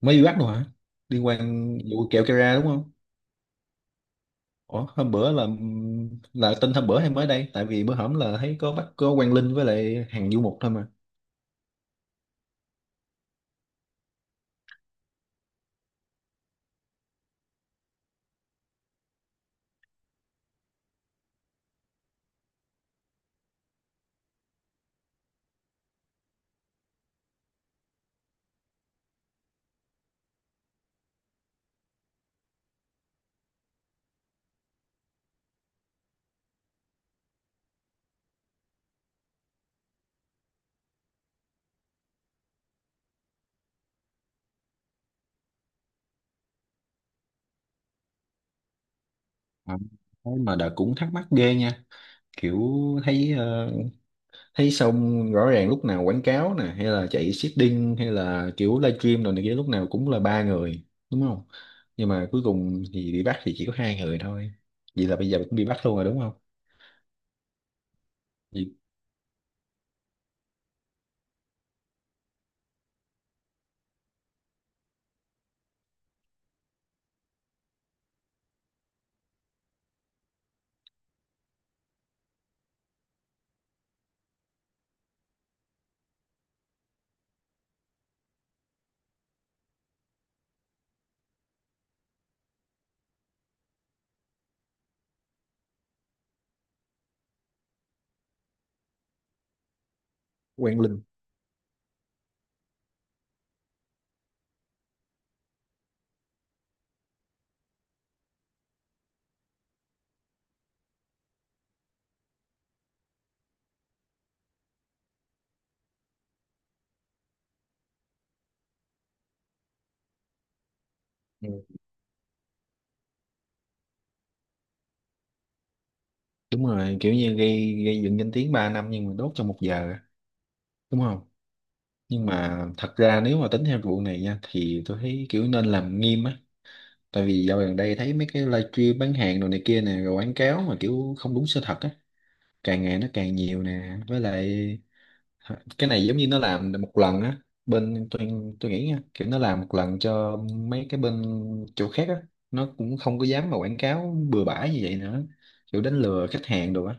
Mới đi bắt luôn hả? Liên quan vụ kẹo Kera đúng không? Ủa, hôm bữa là tin hôm bữa hay mới đây? Tại vì bữa hổm là thấy có bắt có Quang Linh với lại hàng Du Mục thôi mà. À, thế mà đã cũng thắc mắc ghê nha. Kiểu thấy ờ, thấy xong rõ ràng lúc nào quảng cáo nè hay là chạy seeding hay là kiểu livestream rồi này kia lúc nào cũng là ba người, đúng không? Nhưng mà cuối cùng thì bị bắt thì chỉ có hai người thôi. Vậy là bây giờ cũng bị bắt luôn rồi, đúng không? Vì Quang Linh. Đúng rồi, kiểu như gây gây dựng danh tiếng 3 năm nhưng mà đốt trong 1 giờ, đúng không? Nhưng mà thật ra nếu mà tính theo vụ này nha thì tôi thấy kiểu nên làm nghiêm á. Tại vì dạo gần đây thấy mấy cái livestream bán hàng đồ này kia nè rồi quảng cáo mà kiểu không đúng sự thật á, càng ngày nó càng nhiều nè, với lại cái này giống như nó làm một lần á. Bên tôi nghĩ nha, kiểu nó làm một lần cho mấy cái bên chỗ khác á, nó cũng không có dám mà quảng cáo bừa bãi như vậy nữa, kiểu đánh lừa khách hàng đồ á.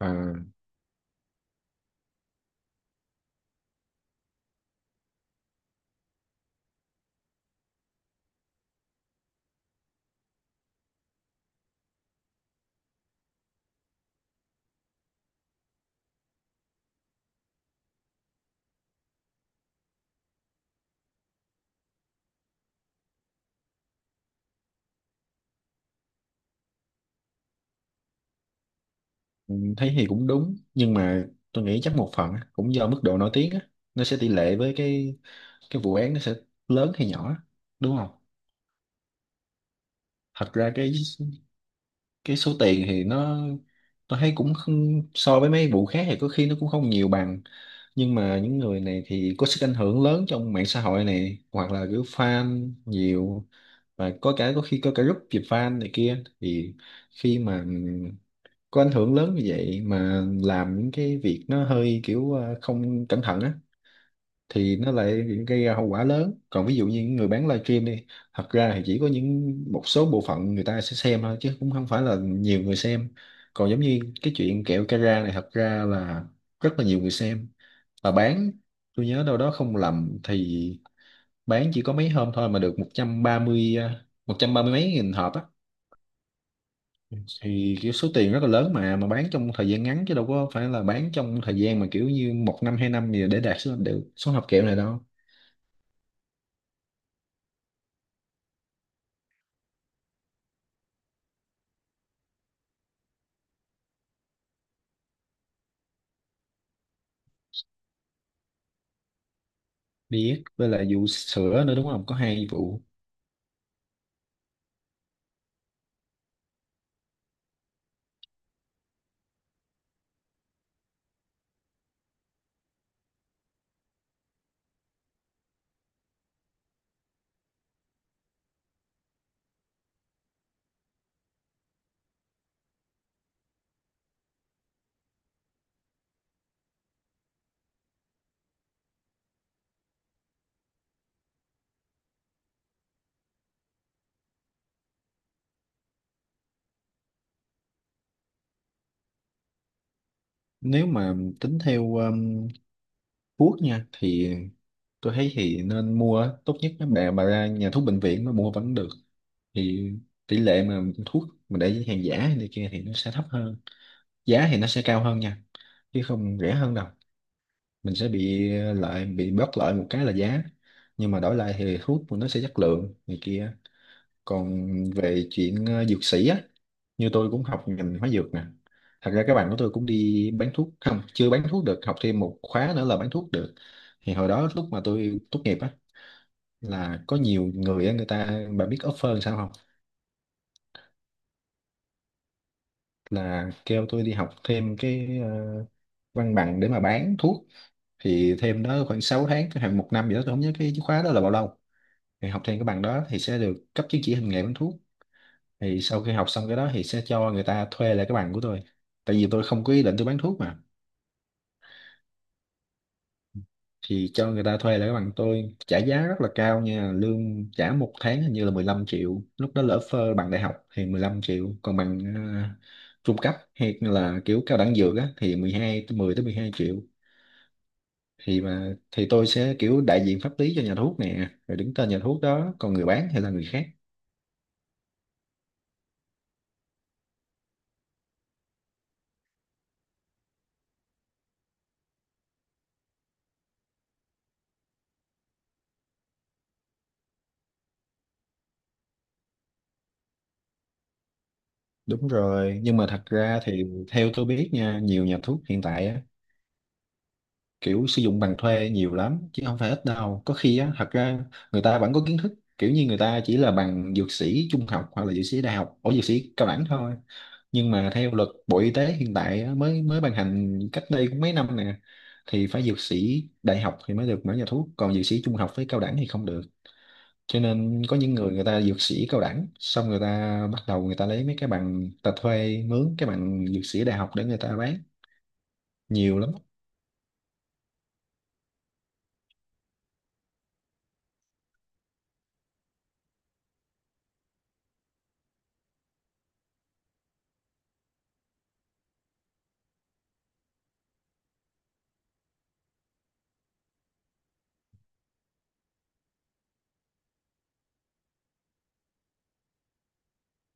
Ừ. Ừ, thấy thì cũng đúng nhưng mà tôi nghĩ chắc một phần á, cũng do mức độ nổi tiếng á, nó sẽ tỷ lệ với cái vụ án nó sẽ lớn hay nhỏ á, đúng không? Thật ra cái số tiền thì nó tôi thấy cũng không, so với mấy vụ khác thì có khi nó cũng không nhiều bằng, nhưng mà những người này thì có sức ảnh hưởng lớn trong mạng xã hội này hoặc là kiểu fan nhiều, và có cả có khi có cả group dịp fan này kia thì khi mà có ảnh hưởng lớn như vậy mà làm những cái việc nó hơi kiểu không cẩn thận á thì nó lại gây ra hậu quả lớn. Còn ví dụ như những người bán livestream đi, thật ra thì chỉ có những một số bộ phận người ta sẽ xem thôi chứ cũng không phải là nhiều người xem. Còn giống như cái chuyện kẹo Cara này thật ra là rất là nhiều người xem và bán, tôi nhớ đâu đó không lầm thì bán chỉ có mấy hôm thôi mà được một 130 à, 130 mấy nghìn hộp á, thì kiểu số tiền rất là lớn mà bán trong thời gian ngắn chứ đâu có phải là bán trong thời gian mà kiểu như 1 năm 2 năm gì để đạt số đều số hộp kẹo này đâu. Biết, với lại vụ sữa nữa đúng không, có hai vụ. Nếu mà tính theo thuốc nha thì tôi thấy thì nên mua á. Tốt nhất mấy bạn bà ra nhà thuốc bệnh viện mà mua vẫn được, thì tỷ lệ mà thuốc mà để hàng giả này kia thì nó sẽ thấp hơn, giá thì nó sẽ cao hơn nha, chứ không rẻ hơn đâu. Mình sẽ bị lại bị bớt lại một cái là giá, nhưng mà đổi lại thì thuốc của nó sẽ chất lượng này kia. Còn về chuyện dược sĩ á, như tôi cũng học ngành hóa dược nè, thật ra các bạn của tôi cũng đi bán thuốc, không chưa bán thuốc được, học thêm một khóa nữa là bán thuốc được. Thì hồi đó lúc mà tôi tốt nghiệp á, là có nhiều người á, người ta, bạn biết offer làm sao không? Là kêu tôi đi học thêm cái văn bằng để mà bán thuốc, thì thêm đó khoảng 6 tháng khoảng 1 năm gì đó tôi không nhớ cái khóa đó là bao lâu. Thì học thêm cái bằng đó thì sẽ được cấp chứng chỉ hành nghề bán thuốc, thì sau khi học xong cái đó thì sẽ cho người ta thuê lại cái bằng của tôi, tại vì tôi không có ý định tôi bán thuốc mà. Thì cho người ta thuê lại cái bằng tôi trả giá rất là cao nha, lương trả 1 tháng hình như là 15 triệu lúc đó, lỡ phơ bằng đại học thì 15 triệu, còn bằng trung cấp hay là kiểu cao đẳng dược á thì 12 tới 10 tới 12 triệu. Thì tôi sẽ kiểu đại diện pháp lý cho nhà thuốc nè rồi đứng tên nhà thuốc đó, còn người bán thì là người khác. Đúng rồi, nhưng mà thật ra thì theo tôi biết nha, nhiều nhà thuốc hiện tại á, kiểu sử dụng bằng thuê nhiều lắm, chứ không phải ít đâu. Có khi á, thật ra người ta vẫn có kiến thức, kiểu như người ta chỉ là bằng dược sĩ trung học hoặc là dược sĩ đại học, ở dược sĩ cao đẳng thôi. Nhưng mà theo luật Bộ Y tế hiện tại á, mới mới ban hành cách đây cũng mấy năm nè, thì phải dược sĩ đại học thì mới được mở nhà thuốc, còn dược sĩ trung học với cao đẳng thì không được, cho nên có những người người ta dược sĩ cao đẳng xong người ta bắt đầu người ta lấy mấy cái bằng ta thuê mướn cái bằng dược sĩ đại học để người ta bán nhiều lắm.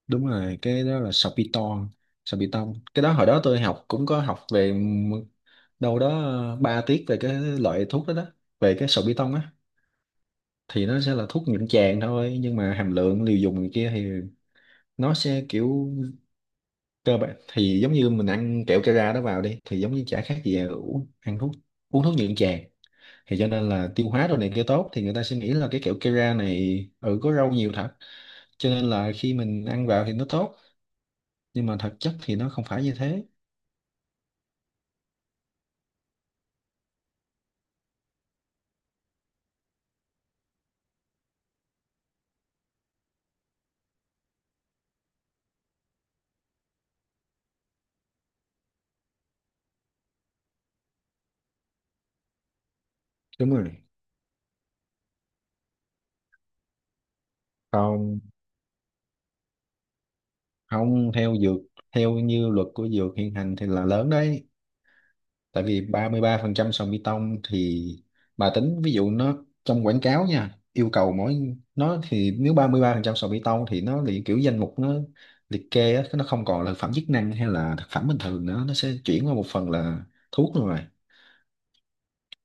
Đúng rồi, cái đó là sorbitol, sorbitol. Cái đó hồi đó tôi học cũng có học về đâu đó 3 tiết về cái loại thuốc đó đó, về cái sorbitol á, thì nó sẽ là thuốc nhuận tràng thôi nhưng mà hàm lượng liều dùng này kia thì nó sẽ kiểu cơ bản thì giống như mình ăn kẹo Cara đó vào đi thì giống như chả khác gì là uống ăn thuốc uống thuốc nhuận tràng, thì cho nên là tiêu hóa đồ này kia tốt thì người ta sẽ nghĩ là cái kẹo Kera này có rau nhiều thật, cho nên là khi mình ăn vào thì nó tốt, nhưng mà thực chất thì nó không phải như thế. Đúng rồi. Không, không, theo dược, theo như luật của dược hiện hành thì là lớn đấy, tại vì ba ba mươi ba phần trăm sàn bê tông thì bà tính ví dụ nó trong quảng cáo nha yêu cầu mỗi nó thì nếu ba ba mươi ba phần trăm sàn bê tông thì nó liệt kiểu danh mục nó liệt kê á, nó không còn là thực phẩm chức năng hay là thực phẩm bình thường nữa, nó sẽ chuyển qua một phần là thuốc luôn rồi.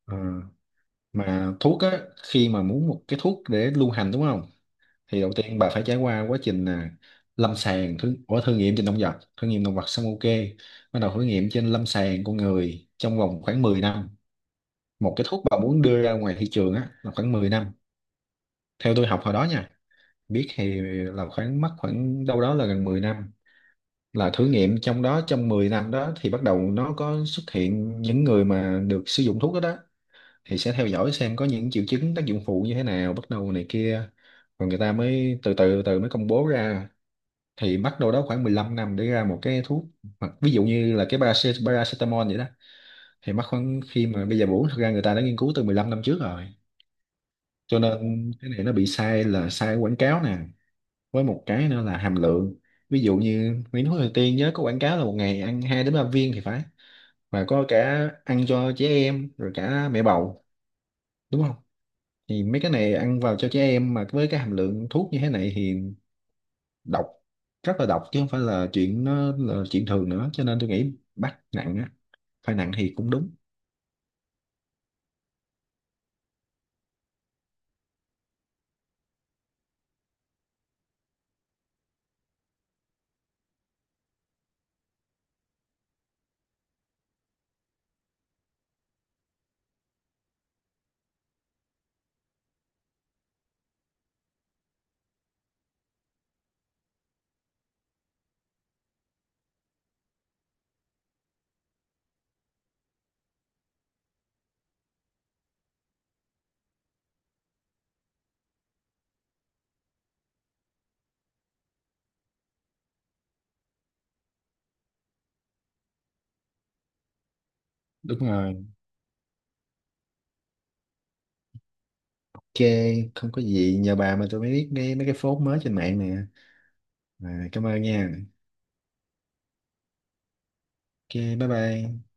Ờ, mà thuốc á khi mà muốn một cái thuốc để lưu hành đúng không, thì đầu tiên bà phải trải qua quá trình là lâm sàng thử, ủa, thử nghiệm trên động vật, thử nghiệm động vật xong ok, bắt đầu thử nghiệm trên lâm sàng con người trong vòng khoảng 10 năm. Một cái thuốc mà muốn đưa ra ngoài thị trường á là khoảng 10 năm, theo tôi học hồi đó nha, biết thì là mất khoảng đâu đó là gần 10 năm, là thử nghiệm trong đó, trong 10 năm đó thì bắt đầu nó có xuất hiện những người mà được sử dụng thuốc đó đó, thì sẽ theo dõi xem có những triệu chứng tác dụng phụ như thế nào bắt đầu này kia, rồi người ta mới từ từ từ mới công bố ra, thì mất đâu đó khoảng 15 năm để ra một cái thuốc. Hoặc ví dụ như là cái paracetamol vậy đó, thì mất khoảng khi mà bây giờ uống thực ra người ta đã nghiên cứu từ 15 năm trước rồi, cho nên cái này nó bị sai là sai quảng cáo nè, với một cái nữa là hàm lượng, ví dụ như Nguyễn Hữu Thời Tiên nhớ có quảng cáo là 1 ngày ăn 2 đến 3 viên thì phải, và có cả ăn cho trẻ em rồi cả mẹ bầu, đúng không? Thì mấy cái này ăn vào cho trẻ em mà với cái hàm lượng thuốc như thế này thì độc, rất là độc chứ không phải là chuyện nó là chuyện thường nữa, cho nên tôi nghĩ bắt nặng á, phải nặng thì cũng đúng. Đúng rồi, ok, không có gì, nhờ bà mà tôi mới biết nghe mấy cái phốt mới trên mạng nè. À, cảm ơn nha. Ok, bye bye.